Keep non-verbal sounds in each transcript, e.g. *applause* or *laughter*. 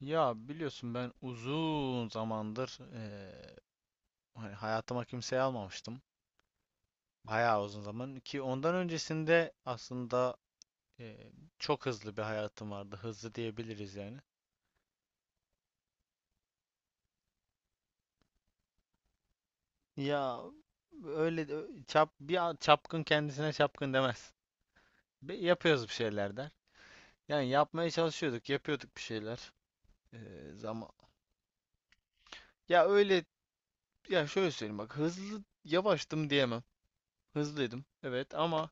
Ya biliyorsun ben uzun zamandır hani hayatıma kimseyi almamıştım. Bayağı uzun zaman ki ondan öncesinde aslında eee, çok hızlı bir hayatım vardı. Hızlı diyebiliriz yani. Ya öyle de- çap bir a- çapkın kendisine çapkın demez. Yapıyoruz bir şeyler der. Yani yapmaya çalışıyorduk, yapıyorduk bir şeyler. Zaman ya öyle, ya şöyle söyleyeyim, bak hızlı yavaştım diyemem. Hızlıydım, evet ama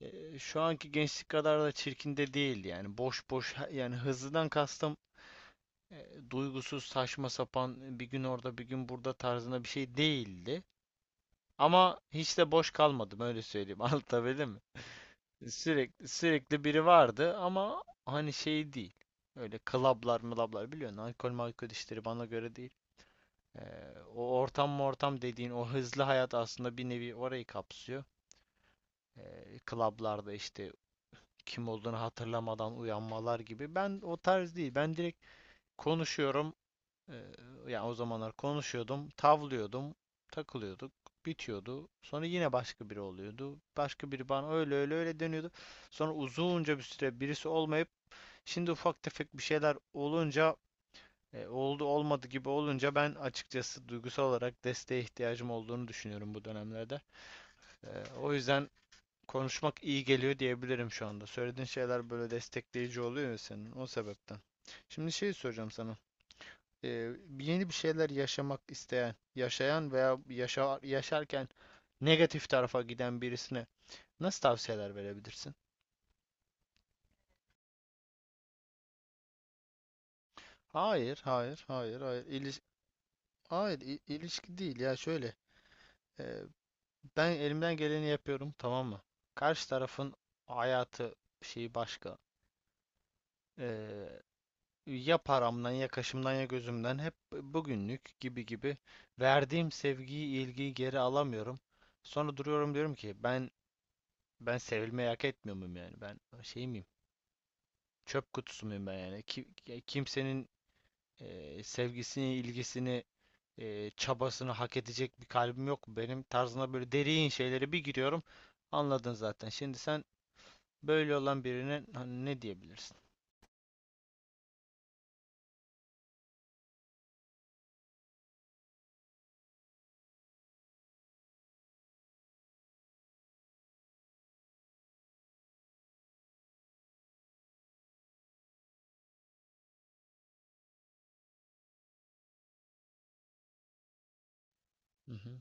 Şu anki gençlik kadar da çirkin de değil yani. Boş boş, yani hızlıdan kastım duygusuz saçma sapan bir gün orada bir gün burada tarzında bir şey değildi. Ama hiç de boş kalmadım, öyle söyleyeyim. *laughs* Anlatabildim mi? Sürekli sürekli biri vardı ama hani şey değil. Öyle klablar mılablar biliyorsun. Alkol malkol işleri bana göre değil. E, o ortam mı ortam dediğin o hızlı hayat aslında bir nevi orayı kapsıyor. Klablarda işte kim olduğunu hatırlamadan uyanmalar gibi. Ben o tarz değil. Ben direkt konuşuyorum. Ee, yani o zamanlar konuşuyordum, tavlıyordum, takılıyorduk, bitiyordu. Sonra yine başka biri oluyordu. Başka biri bana öyle öyle öyle dönüyordu. Sonra uzunca bir süre birisi olmayıp şimdi ufak tefek bir şeyler olunca, oldu olmadı gibi olunca, ben açıkçası duygusal olarak desteğe ihtiyacım olduğunu düşünüyorum bu dönemlerde. Ee, o yüzden konuşmak iyi geliyor diyebilirim şu anda. Söylediğin şeyler böyle destekleyici oluyor ya, senin o sebepten. Şimdi şey soracağım sana. Ee, yeni bir şeyler yaşamak isteyen, yaşayan veya yaşarken negatif tarafa giden birisine nasıl tavsiyeler verebilirsin? Hayır, hayır, hayır, hayır. Hayır, ilişki değil ya, şöyle. Ee, ben elimden geleni yapıyorum, tamam mı? Karşı tarafın hayatı bir şey başka. Ee, ya paramdan, ya kaşımdan, ya gözümden, hep bugünlük gibi gibi verdiğim sevgiyi, ilgiyi geri alamıyorum. Sonra duruyorum diyorum ki ben sevilmeyi hak etmiyor muyum yani? Ben şey miyim? Çöp kutusu muyum ben yani? Kimsenin sevgisini, ilgisini, çabasını hak edecek bir kalbim yok. Benim tarzına böyle derin şeylere bir giriyorum. Anladın zaten. Şimdi sen böyle olan birine hani ne diyebilirsin? Hı hı.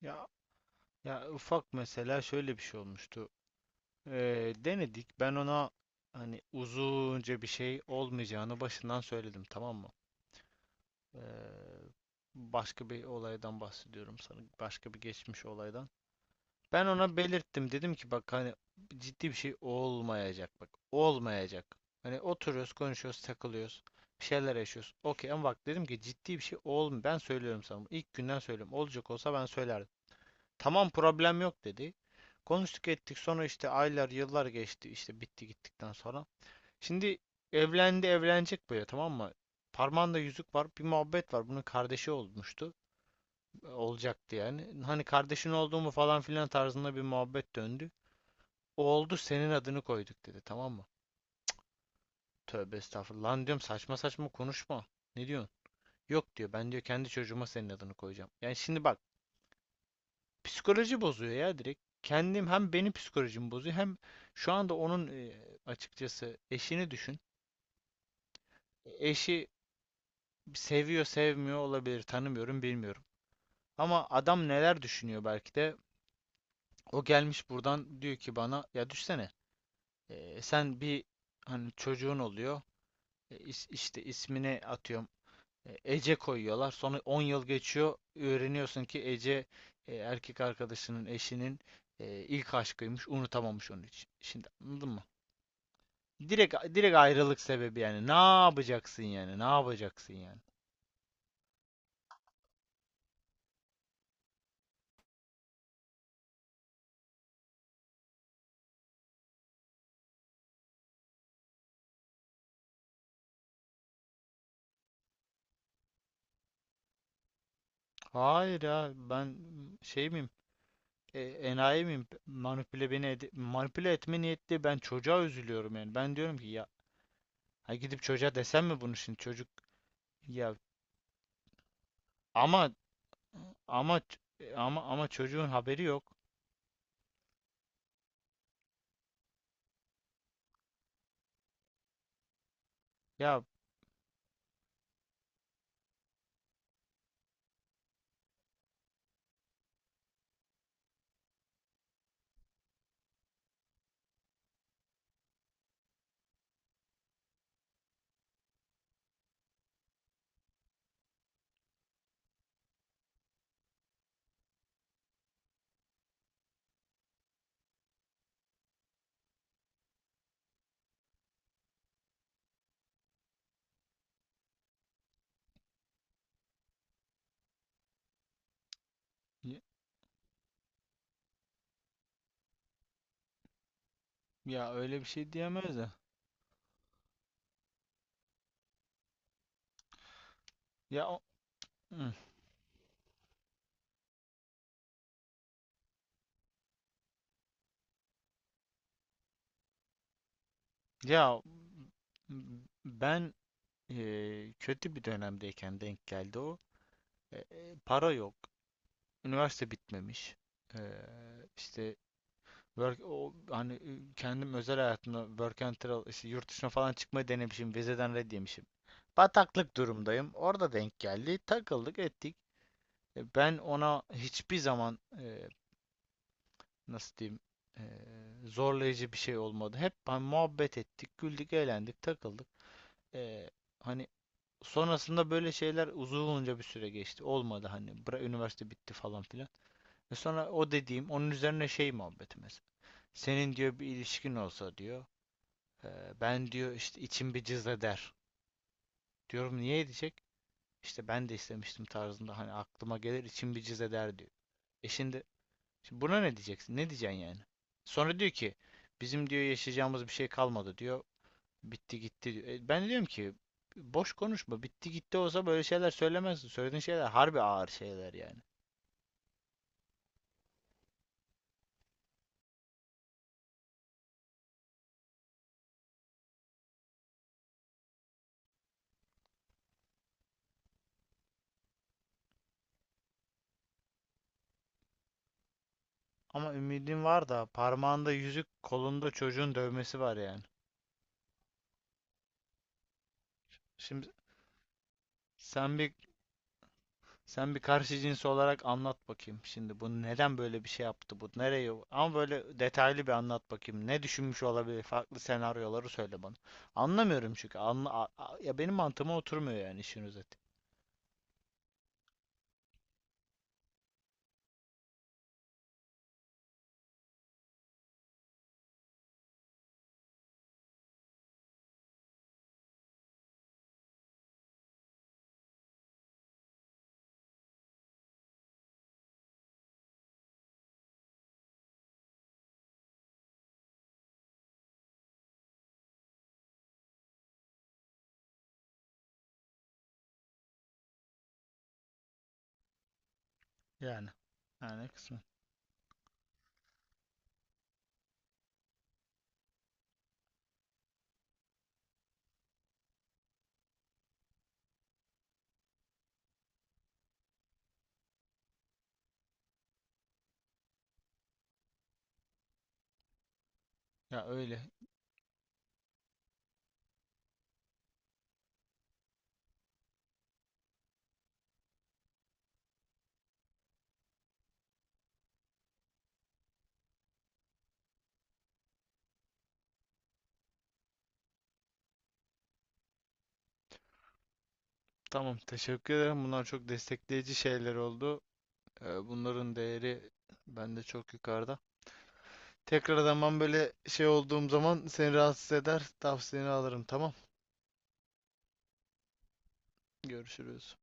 Ya ya ufak, mesela şöyle bir şey olmuştu. Denedik. Ben ona hani uzunca bir şey olmayacağını başından söyledim, tamam mı? Ee, başka bir olaydan bahsediyorum sana. Başka bir geçmiş olaydan. Ben ona belirttim. Dedim ki bak hani ciddi bir şey olmayacak, bak. Olmayacak. Hani oturuyoruz, konuşuyoruz, takılıyoruz. Bir şeyler yaşıyoruz, okey. Ama bak dedim ki ciddi bir şey olm. Ben söylüyorum sana bunu. İlk günden söylüyorum. Olacak olsa ben söylerdim. Tamam, problem yok dedi. Konuştuk ettik, sonra işte aylar yıllar geçti, işte bitti gittikten sonra. Şimdi evlendi, evlenecek böyle, tamam mı? Parmağında yüzük var, bir muhabbet var, bunun kardeşi olmuştu, olacaktı yani. Hani kardeşin olduğumu falan filan tarzında bir muhabbet döndü. O oldu, senin adını koyduk, dedi, tamam mı? Tövbe estağfurullah lan, diyorum, saçma saçma konuşma. Ne diyorsun? Yok, diyor, ben diyor kendi çocuğuma senin adını koyacağım. Yani şimdi bak. Psikoloji bozuyor ya direkt. Kendim, hem benim psikolojimi bozuyor, hem şu anda onun açıkçası eşini düşün. Eşi seviyor, sevmiyor olabilir, tanımıyorum, bilmiyorum. Ama adam neler düşünüyor belki de. O gelmiş buradan diyor ki bana, ya düşsene, sen bir, hani çocuğun oluyor, E, is- işte ismini atıyorum, Ece koyuyorlar, sonra 10 yıl geçiyor, öğreniyorsun ki Ece erkek arkadaşının eşinin ilk aşkıymış, unutamamış onun için. Şimdi anladın mı? Direkt direkt ayrılık sebebi yani. Ne yapacaksın yani? Ne yapacaksın yani? Hayır ya, ben şey miyim? Enayi miyim? Manipüle etme niyetli, ben çocuğa üzülüyorum yani. Ben diyorum ki ya, ha, gidip çocuğa desem mi bunu, şimdi çocuk, ya ama ama ç- ama ama çocuğun haberi yok. Ya ya öyle bir şey diyemez de. Ya hı. ya ben kötü bir dönemdeyken denk geldi o. Para yok, üniversite bitmemiş. Eee işte work, o, hani kendim özel hayatımda work and travel, işte yurt dışına falan çıkmayı denemişim. Vizeden red yemişim. Bataklık durumdayım. Orada denk geldi. Takıldık ettik. Ben ona hiçbir zaman, nasıl diyeyim, e, zorlayıcı bir şey olmadı. Hep hani muhabbet ettik, güldük, eğlendik, takıldık. E, hani sonrasında böyle şeyler, uzunca bir süre geçti. Olmadı hani. Üniversite bitti falan filan. Ve sonra o dediğim, onun üzerine şey muhabbeti mesela. Senin, diyor, bir ilişkin olsa, diyor, "e, ben diyor işte içim bir cız eder. Diyorum, niye edecek? İşte ben de istemiştim tarzında, hani aklıma gelir içim bir cız eder, diyor. E şimdi, şimdi buna ne diyeceksin? Ne diyeceksin yani? Sonra diyor ki bizim, diyor, yaşayacağımız bir şey kalmadı, diyor. Bitti gitti, diyor. Ben diyorum ki boş konuşma. Bitti gitti olsa böyle şeyler söylemezsin. Söylediğin şeyler harbi ağır şeyler yani. Ama ümidim var da parmağında yüzük, kolunda çocuğun dövmesi var yani. Şimdi sen bir sen bir karşı cins olarak anlat bakayım. Şimdi bu neden böyle bir şey yaptı bu? Nereye? Ama böyle detaylı bir anlat bakayım. Ne düşünmüş olabilir? Farklı senaryoları söyle bana. Anlamıyorum çünkü. Ya benim mantığıma oturmuyor yani, işin özeti. Yani. Yani kısmen. Ya öyle. Tamam, teşekkür ederim. Bunlar çok destekleyici şeyler oldu. Bunların değeri bende çok yukarıda. Tekrar zaman böyle şey olduğum zaman seni rahatsız eder, tavsiyeni alırım. Tamam. Görüşürüz.